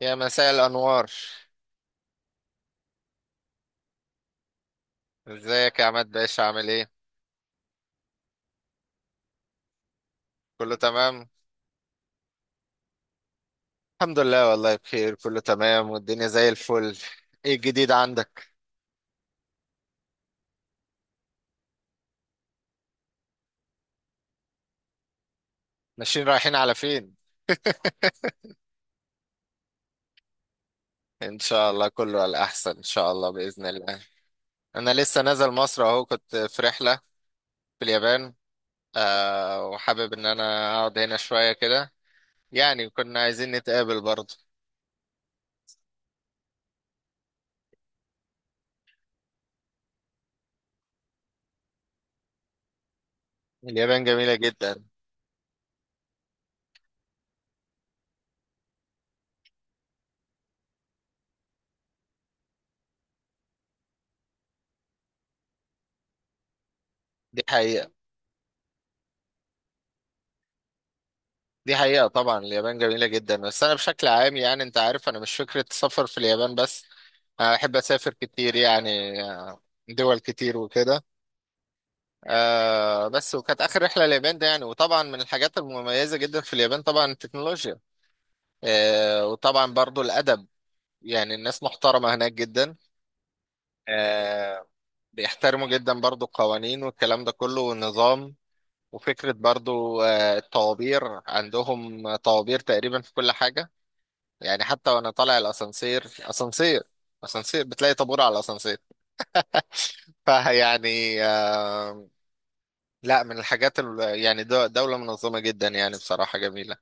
يا مساء الأنوار. ازيك يا عماد باشا، عامل ايه؟ كله تمام؟ الحمد لله والله بخير، كله تمام والدنيا زي الفل. ايه الجديد عندك؟ ماشيين رايحين على فين؟ ان شاء الله كله على الأحسن، ان شاء الله بإذن الله. انا لسه نازل مصر اهو، كنت في رحلة في اليابان. وحابب ان انا اقعد هنا شوية كده. يعني كنا عايزين نتقابل برضه. اليابان جميلة جدا. دي حقيقة. دي حقيقة، طبعا اليابان جميلة جدا، بس أنا بشكل عام، يعني أنت عارف أنا مش فكرة سفر في اليابان بس. أنا بحب أسافر كتير يعني. دول كتير وكده. بس وكانت آخر رحلة اليابان ده يعني، وطبعا من الحاجات المميزة جدا في اليابان طبعا التكنولوجيا. وطبعا برضو الأدب، يعني الناس محترمة هناك جدا. آه. بيحترموا جدا برضو القوانين والكلام ده كله والنظام. وفكرة برضو، الطوابير، عندهم طوابير تقريبا في كل حاجة. يعني حتى وانا طالع الاسانسير، اسانسير اسانسير بتلاقي طابور على الاسانسير. فيعني. لا، من الحاجات يعني دولة منظمة جدا، يعني بصراحة جميلة.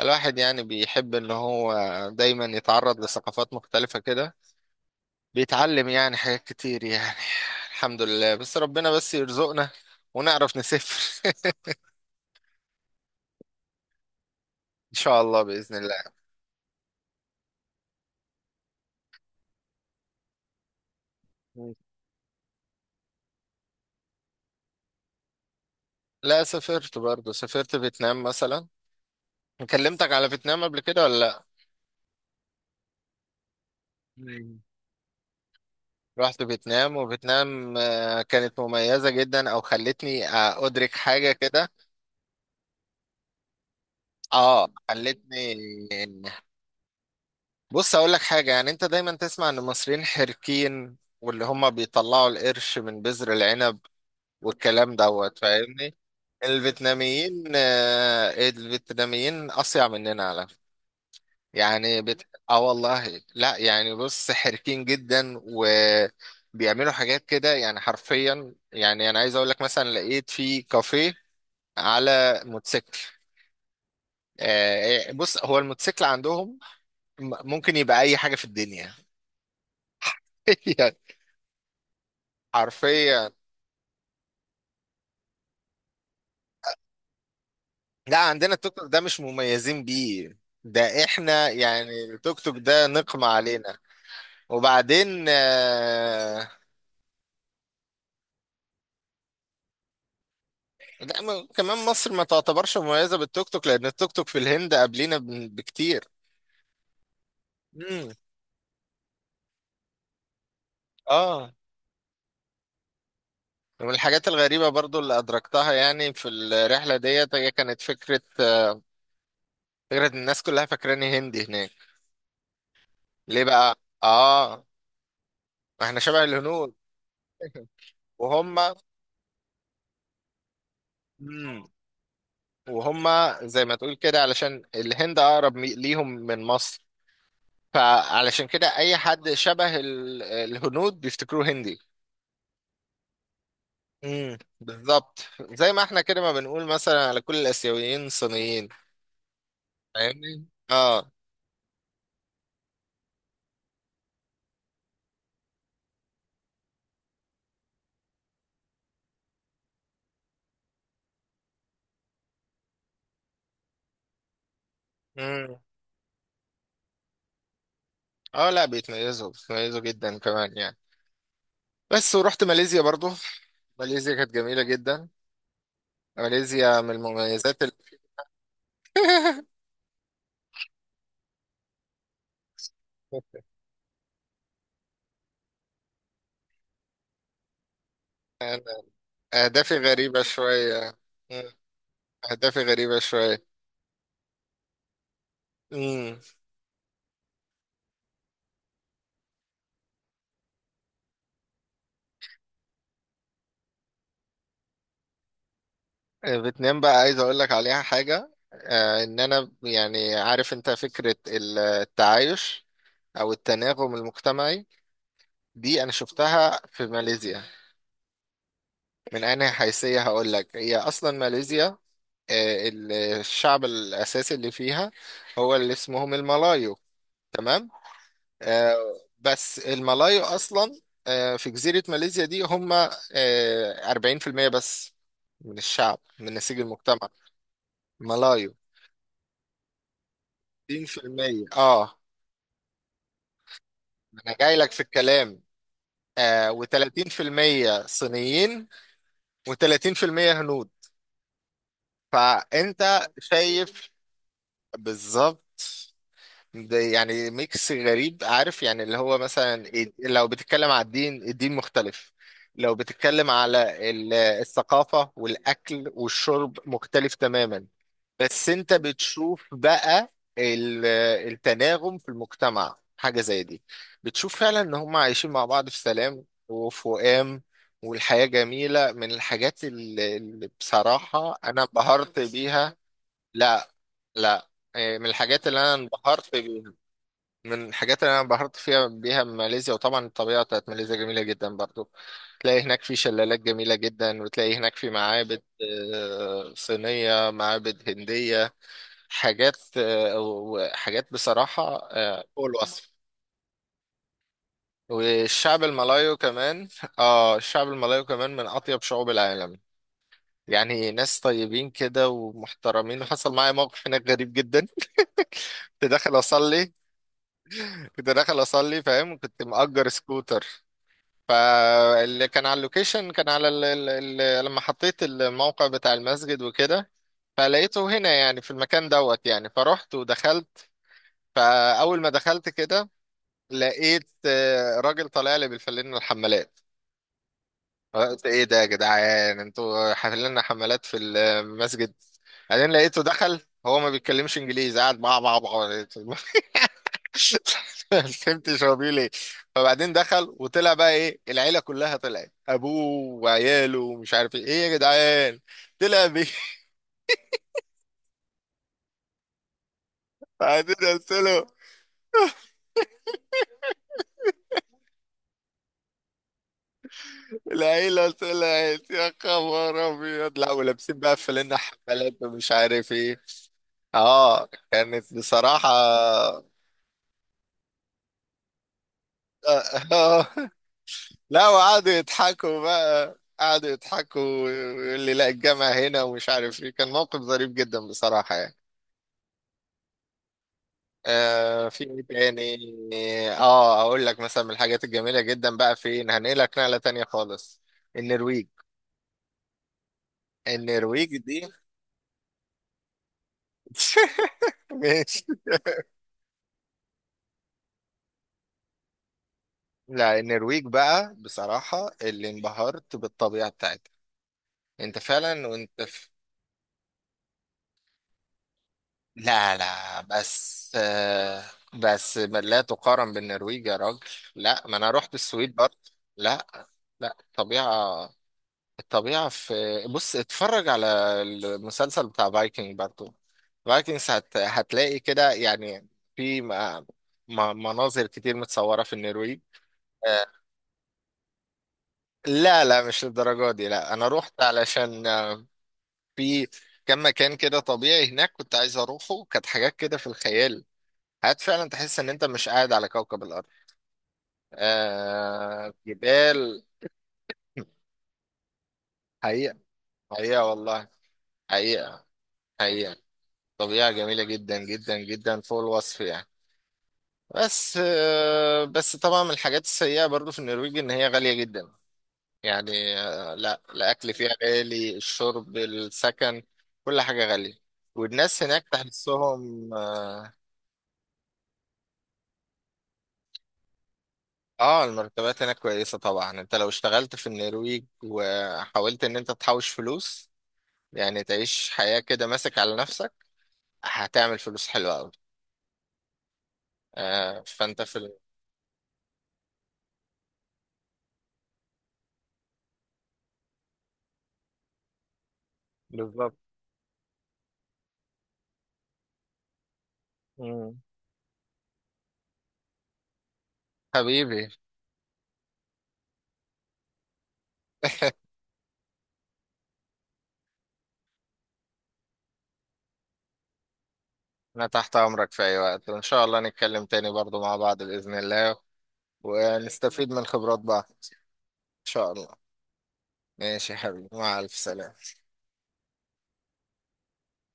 الواحد يعني بيحب ان هو دايما يتعرض لثقافات مختلفة كده، بيتعلم يعني حاجات كتير يعني. الحمد لله، بس ربنا بس يرزقنا ونعرف نسافر. ان شاء الله باذن الله. لا، سافرت برضه، سافرت فيتنام مثلا. كلمتك على فيتنام قبل كده ولا؟ لا. رحت فيتنام، وفيتنام، كانت مميزة جدا، او خلتني، ادرك حاجة كده. اه خلتني. بص اقول لك حاجة، يعني انت دايما تسمع ان المصريين حركين واللي هم بيطلعوا القرش من بذر العنب والكلام دوت، فاهمني. الفيتناميين اصيع مننا على، يعني والله لا، يعني بص حركين جدا وبيعملوا حاجات كده يعني حرفيا، يعني انا عايز اقول لك مثلا لقيت في كافيه على موتوسيكل. بص، هو الموتوسيكل عندهم ممكن يبقى اي حاجة في الدنيا. يعني حرفيا. لا، عندنا التوك توك ده مش مميزين بيه، ده احنا يعني التوك توك ده نقمة علينا. وبعدين لا، كمان مصر ما تعتبرش مميزة بالتوك توك، لأن التوك توك في الهند قبلينا بكتير. امم. اه. ومن الحاجات الغريبة برضو اللي أدركتها يعني في الرحلة ديت، هي كانت فكرة، إن الناس كلها فاكراني هندي هناك. ليه بقى؟ آه، ما احنا شبه الهنود. وهم. مم. وهم زي ما تقول كده، علشان الهند أقرب ليهم من مصر، فعلشان كده أي حد شبه الهنود بيفتكروه هندي. بالظبط. زي ما احنا كده، ما بنقول مثلا على كل الاسيويين صينيين. فاهمني اه. امم. اه، لا، بيتميزوا بيتميزوا جدا كمان يعني. بس ورحت ماليزيا برضو، ماليزيا كانت جميلة جدا. ماليزيا من المميزات أنا اهدافي غريبة شوية. مم. اهدافي غريبة شوية. امم. فيتنام بقى عايز اقول لك عليها حاجة، ان انا يعني عارف انت فكرة التعايش، او التناغم المجتمعي، دي انا شفتها في ماليزيا. من انهي حيثية هقول لك، هي اصلا ماليزيا، الشعب الأساسي اللي فيها هو اللي اسمهم الملايو. تمام. آه، بس الملايو أصلا، في جزيرة ماليزيا دي هم، 40% بس من الشعب من نسيج المجتمع ملايو. 60% . أنا جاي لك في الكلام. و30% صينيين، و30% هنود. فأنت شايف. بالظبط. ده يعني ميكس غريب، عارف، يعني اللي هو مثلا لو بتتكلم على الدين، الدين مختلف. لو بتتكلم على الثقافة والأكل والشرب مختلف تماما. بس انت بتشوف بقى ال- التناغم في المجتمع حاجة زي دي، بتشوف فعلا ان هم عايشين مع بعض في سلام وفؤام، والحياة جميلة. من الحاجات اللي بصراحة انا انبهرت بيها. لا، لا. إيه، من الحاجات اللي انا انبهرت بيها. من الحاجات اللي انا انبهرت بيها ماليزيا، وطبعا الطبيعه بتاعت ماليزيا جميله جدا برضو. تلاقي هناك في شلالات جميله جدا، وتلاقي هناك في معابد، صينيه، معابد هنديه، حاجات، وحاجات بصراحه، فوق الوصف. والشعب الملايو كمان، اه الشعب الملايو كمان من اطيب شعوب العالم، يعني ناس طيبين كده ومحترمين. وحصل معايا موقف هناك غريب جدا. كنت داخل اصلي. كنت داخل اصلي، فاهم، كنت مأجر سكوتر. فاللي كان على اللوكيشن كان على لما حطيت الموقع بتاع المسجد وكده، فلقيته هنا يعني في المكان دوت، يعني فرحت ودخلت. فأول ما دخلت كده لقيت، راجل طالع لي بالفلين الحمالات. قلت ايه ده يا جدعان، انتوا حافلين حمالات في المسجد؟ بعدين لقيته دخل. هو ما بيتكلمش انجليزي، قاعد بقى. ما فهمتش هو بيقول ايه. فبعدين دخل وطلع بقى ايه، العيله كلها طلعت، ابوه وعياله ومش عارف ايه ايه يا جدعان، طلع بيه. بعدين قلت له العيله طلعت، يا خبر ابيض، لا ولابسين بقى فلنا حفلات ومش عارف ايه. اه كانت بصراحه. لا، وقعدوا يضحكوا بقى، قعدوا يضحكوا ويقول لي لا الجامع هنا ومش عارف ايه. كان موقف ظريف جدا بصراحه يعني. في ايه تاني. اه اقول لك مثلا من الحاجات الجميله جدا بقى، فين هنقلك نقله تانية خالص. النرويج. النرويج دي. ماشي. لا، النرويج بقى بصراحه اللي انبهرت بالطبيعه بتاعتها، انت فعلا وانت في. لا لا، بس. بس لا تقارن بالنرويج يا راجل. لا، ما انا رحت السويد برضه. لا. لا، طبيعه. الطبيعة في، بص اتفرج على المسلسل بتاع فايكنج برضو، فايكنجز هتلاقي كده، يعني في م... مناظر كتير متصورة في النرويج. آه، لا، لا، مش للدرجة دي، لا أنا روحت علشان، في كم مكان كده طبيعي هناك كنت عايز أروحه، كانت حاجات كده في الخيال، حاجات فعلا تحس إن أنت مش قاعد على كوكب الأرض. ، جبال. حقيقة. حقيقة والله. حقيقة. حقيقة. طبيعة جميلة جدا جدا جدا فوق الوصف يعني. بس طبعا من الحاجات السيئة برضو في النرويج إن هي غالية جدا. يعني، لا، الأكل فيها غالي، الشرب، السكن، كل حاجة غالية. والناس هناك تحسهم اه المرتبات هناك كويسة، طبعا انت لو اشتغلت في النرويج وحاولت ان انت تحوش فلوس، يعني تعيش حياة كده ماسك على نفسك، هتعمل فلوس حلوة أوي. فانت في. بالظبط. مم. حبيبي. أنا تحت أمرك في أي وقت، وإن شاء الله نتكلم تاني برضو مع بعض بإذن الله، ونستفيد من خبرات بعض إن شاء الله. ماشي يا حبيبي، مع ألف سلامة.